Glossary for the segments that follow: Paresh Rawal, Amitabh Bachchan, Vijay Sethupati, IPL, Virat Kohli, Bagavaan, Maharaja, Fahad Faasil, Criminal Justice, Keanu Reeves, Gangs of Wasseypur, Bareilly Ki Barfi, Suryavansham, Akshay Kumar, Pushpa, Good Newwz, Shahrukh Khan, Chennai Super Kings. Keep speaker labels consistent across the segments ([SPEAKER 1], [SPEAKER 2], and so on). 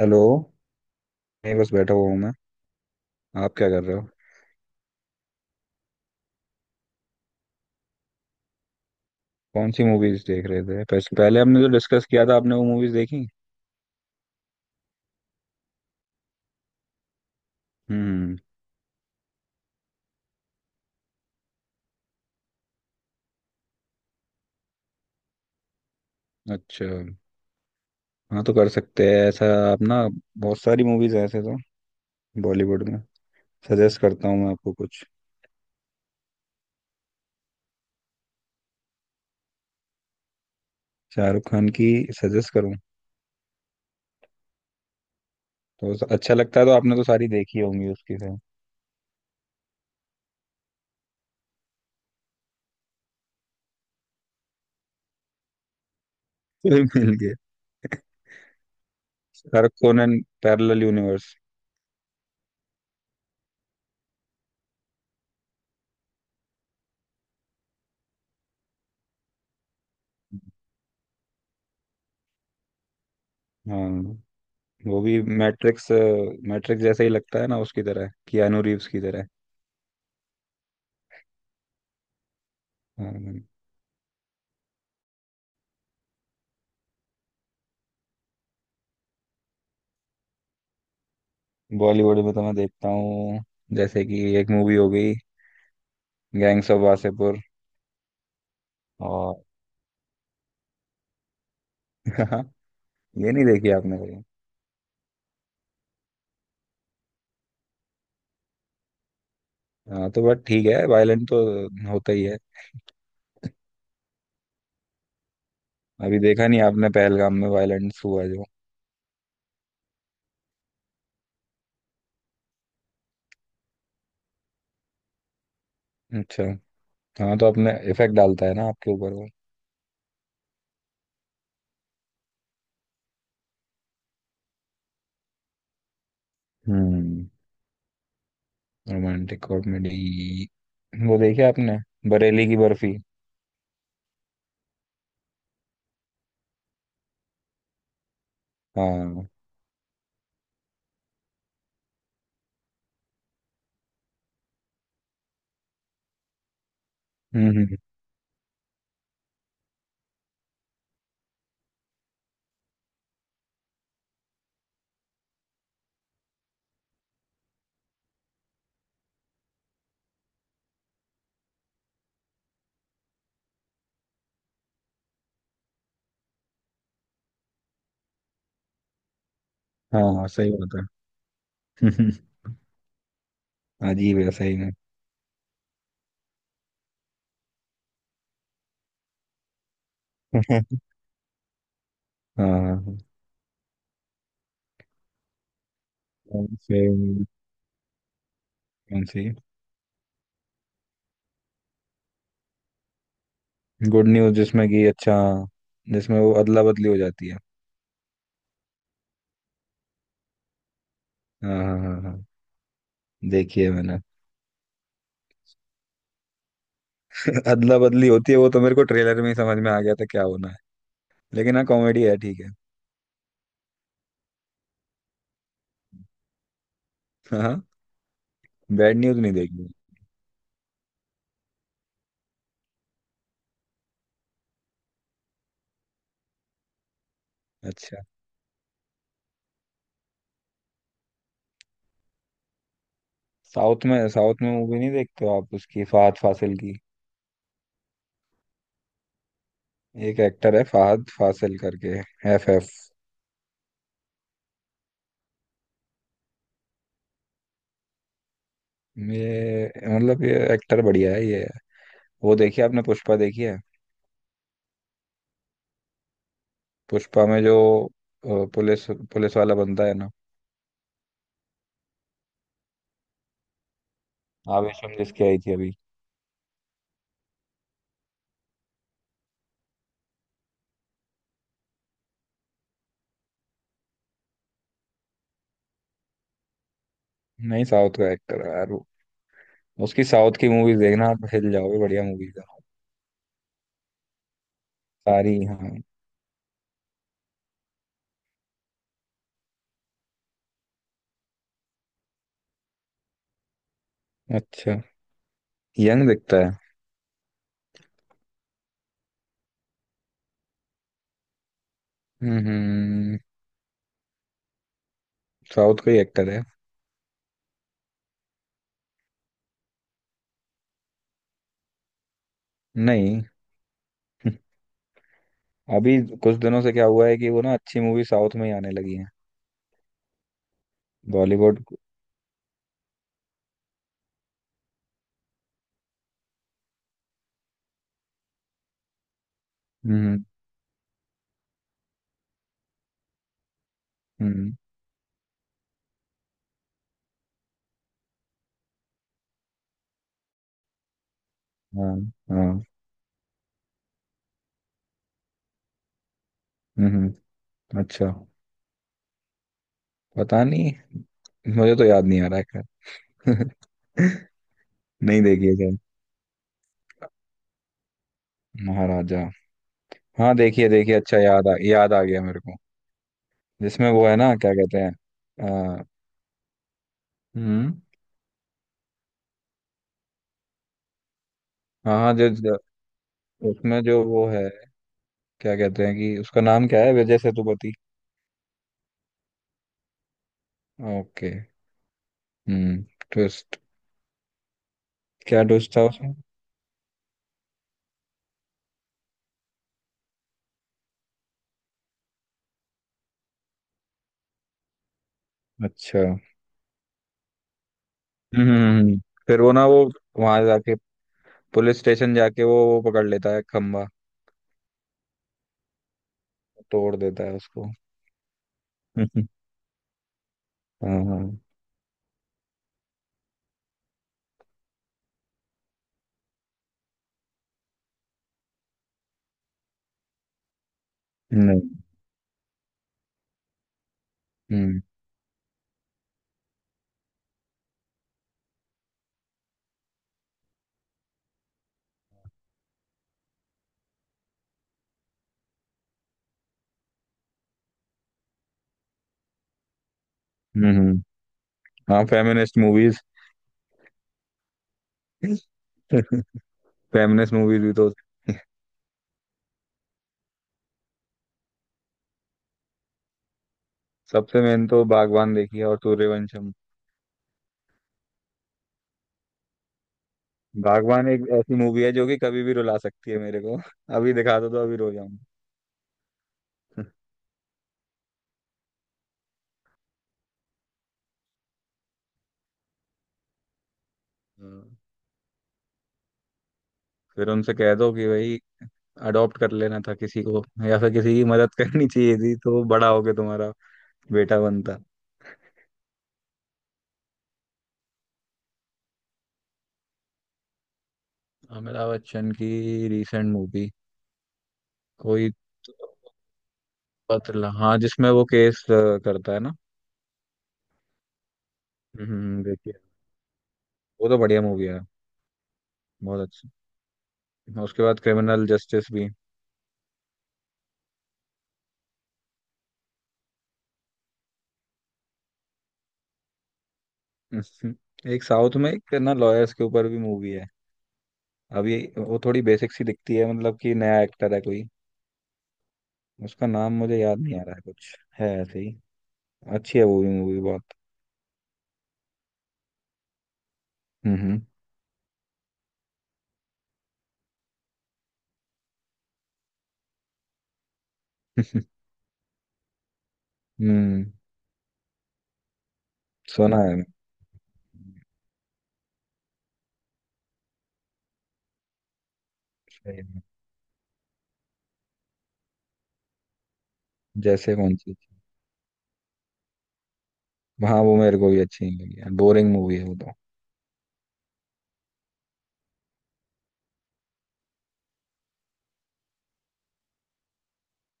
[SPEAKER 1] Hello. नहीं, बस बैठा हुआ हूँ मैं। आप क्या कर रहे हो? कौन सी मूवीज देख रहे थे? पहले पहले हमने जो डिस्कस किया था, आपने वो मूवीज देखी? हम्म। अच्छा। हाँ, तो कर सकते हैं ऐसा। आप ना, बहुत सारी मूवीज ऐसे तो बॉलीवुड में सजेस्ट करता हूँ मैं आपको कुछ। शाहरुख खान की सजेस्ट करूँ? तो अच्छा लगता है, तो आपने तो सारी देखी होंगी उसकी से। कोई मिल गया। Shahrukh Conan, parallel universe. हाँ, वो भी मैट्रिक्स मैट्रिक्स जैसा ही लगता है ना, उसकी तरह, कियानू रीव्स की तरह। हाँ। बॉलीवुड में तो मैं देखता हूँ, जैसे कि एक मूवी हो गई गैंग्स ऑफ वासेपुर। और ये नहीं देखी आपने कभी? हाँ, तो बट ठीक है, वायलेंट तो होता ही है। अभी देखा नहीं आपने, पहलगाम में वायलेंस हुआ जो। अच्छा। हाँ, तो अपने इफेक्ट डालता है ना आपके ऊपर वो। हम्म। Romantic comedy. वो देखी आपने, बरेली की बर्फी? हाँ। हम्म। हम्म, हाँ सही बात है। अजीब है, सही में। हाँ हाँ। सही में। कौन सी? गुड न्यूज जिसमें कि? अच्छा, जिसमें वो अदला बदली हो जाती है। हाँ हाँ हाँ हाँ। देखी है मैंने। अदला बदली होती है वो तो मेरे को ट्रेलर में ही समझ में आ गया था, क्या होना है। लेकिन हाँ, कॉमेडी है, ठीक है। हाँ हाँ। बैड न्यूज नहीं देखी। अच्छा। साउथ में, साउथ में मूवी नहीं देखते हो आप, उसकी, फहद फासिल की? एक एक्टर है फहद फासिल करके, FF। ये मतलब ये एक्टर बढ़िया है ये। वो देखी आपने, पुष्पा देखी है? पुष्पा में जो अ, पुलिस पुलिस वाला बनता है ना? आवेशम जिसकी आई थी अभी। नहीं, साउथ का एक्टर है यार वो। उसकी साउथ की मूवीज देखना, आप हिल जाओगे, बढ़िया मूवीज है सारी। हाँ, अच्छा, यंग दिखता है। हम्म हम्म। साउथ का ही एक्टर है। नहीं। अभी कुछ दिनों से क्या हुआ है कि वो ना, अच्छी मूवी साउथ में ही आने लगी है। बॉलीवुड। हम्म हम्म हाँ हाँ। हम्म हम्म। अच्छा, पता नहीं, मुझे तो याद नहीं आ रहा है, खैर। नहीं, देखिए शायद। महाराजा। हाँ, देखिए देखिए, अच्छा, याद आ गया मेरे को। जिसमें वो है ना, क्या कहते हैं अ, हम्म। हाँ हाँ जो जो- उसमें जो वो है, क्या कहते हैं, कि उसका नाम क्या है, विजय सेतुपति। ओके। हम्म। ट्विस्ट। क्या ट्विस्ट था उसमें? अच्छा। हम्म, हम्म। फिर वो वहां जाके, पुलिस स्टेशन जाके, वो पकड़ लेता है खंबा, तोड़ देता है उसको। हाँ हाँ। नहीं। हम्म हम्म हम्म। हाँ, फेमिनिस्ट मूवीज। फेमिनिस्ट मूवीज भी तो। सबसे मेन तो बागवान देखी है, और सूर्यवंशम। बागवान एक ऐसी मूवी है जो कि कभी भी रुला सकती है मेरे को। अभी दिखा दो तो अभी रो जाऊंगा। हाँ। फिर उनसे कह दो कि भाई, अडॉप्ट कर लेना था किसी को, या फिर किसी की मदद करनी चाहिए थी, तो बड़ा होके तुम्हारा बेटा बनता। अमिताभ बच्चन की रीसेंट मूवी कोई? तो पतला, हाँ, जिसमें वो केस करता है ना। हम्म, देखिए, वो तो बढ़िया मूवी है, बहुत अच्छी। उसके बाद क्रिमिनल जस्टिस भी। एक साउथ में, एक ना लॉयर्स के ऊपर भी मूवी है। अब ये वो थोड़ी बेसिक सी दिखती है, मतलब कि नया एक्टर है कोई। उसका नाम मुझे याद नहीं आ रहा है, कुछ है ऐसे ही। अच्छी है वो भी मूवी बहुत। हम्म हम्म। हम्म, सुना है मैंने। सही में। जैसे कौन सी? हाँ, वो मेरे को भी अच्छी नहीं लगी यार, बोरिंग मूवी है वो तो।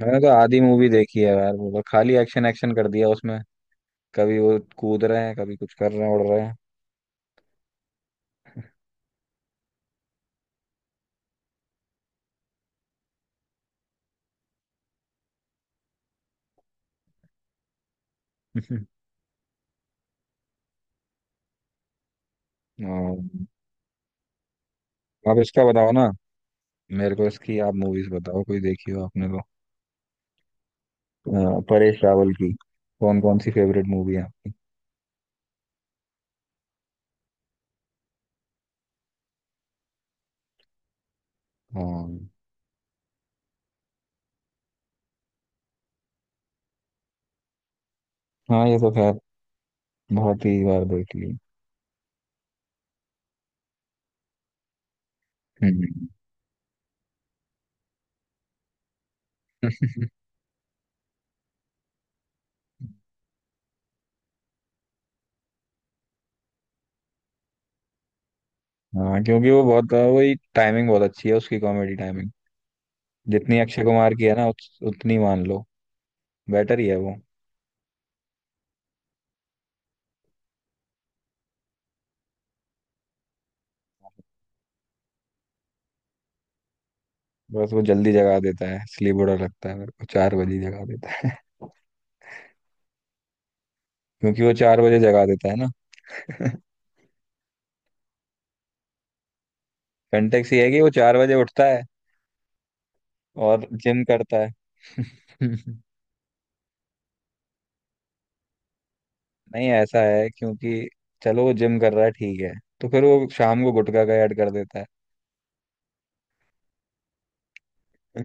[SPEAKER 1] मैंने तो आधी मूवी देखी है यार, वो तो खाली एक्शन एक्शन कर दिया उसमें, कभी वो कूद रहे हैं, कभी कुछ कर रहे हैं, उड़ रहे हैं। और आप इसका बताओ ना, मेरे को इसकी आप मूवीज बताओ, कोई देखी हो आपने तो। परेश रावल की कौन कौन सी फेवरेट मूवी है आपकी? हाँ हाँ, ये तो खैर बहुत ही बार देख ली। हम्म। हाँ, क्योंकि वो बहुत, वही टाइमिंग बहुत अच्छी है उसकी, कॉमेडी टाइमिंग, जितनी अक्षय कुमार की है ना, उतनी मान लो बेटर ही है वो। बस वो जल्दी जगा देता है, इसलिए बुरा लगता है मेरे को, 4 बजे जगा देता है। क्योंकि वो 4 बजे जगा देता है ना। कंटेक्स ये है कि वो 4 बजे उठता है, और जिम करता है। नहीं, ऐसा है, क्योंकि चलो वो जिम कर रहा है, ठीक है, तो फिर वो शाम को गुटखा का ऐड कर देता है।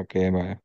[SPEAKER 1] Okay, bye.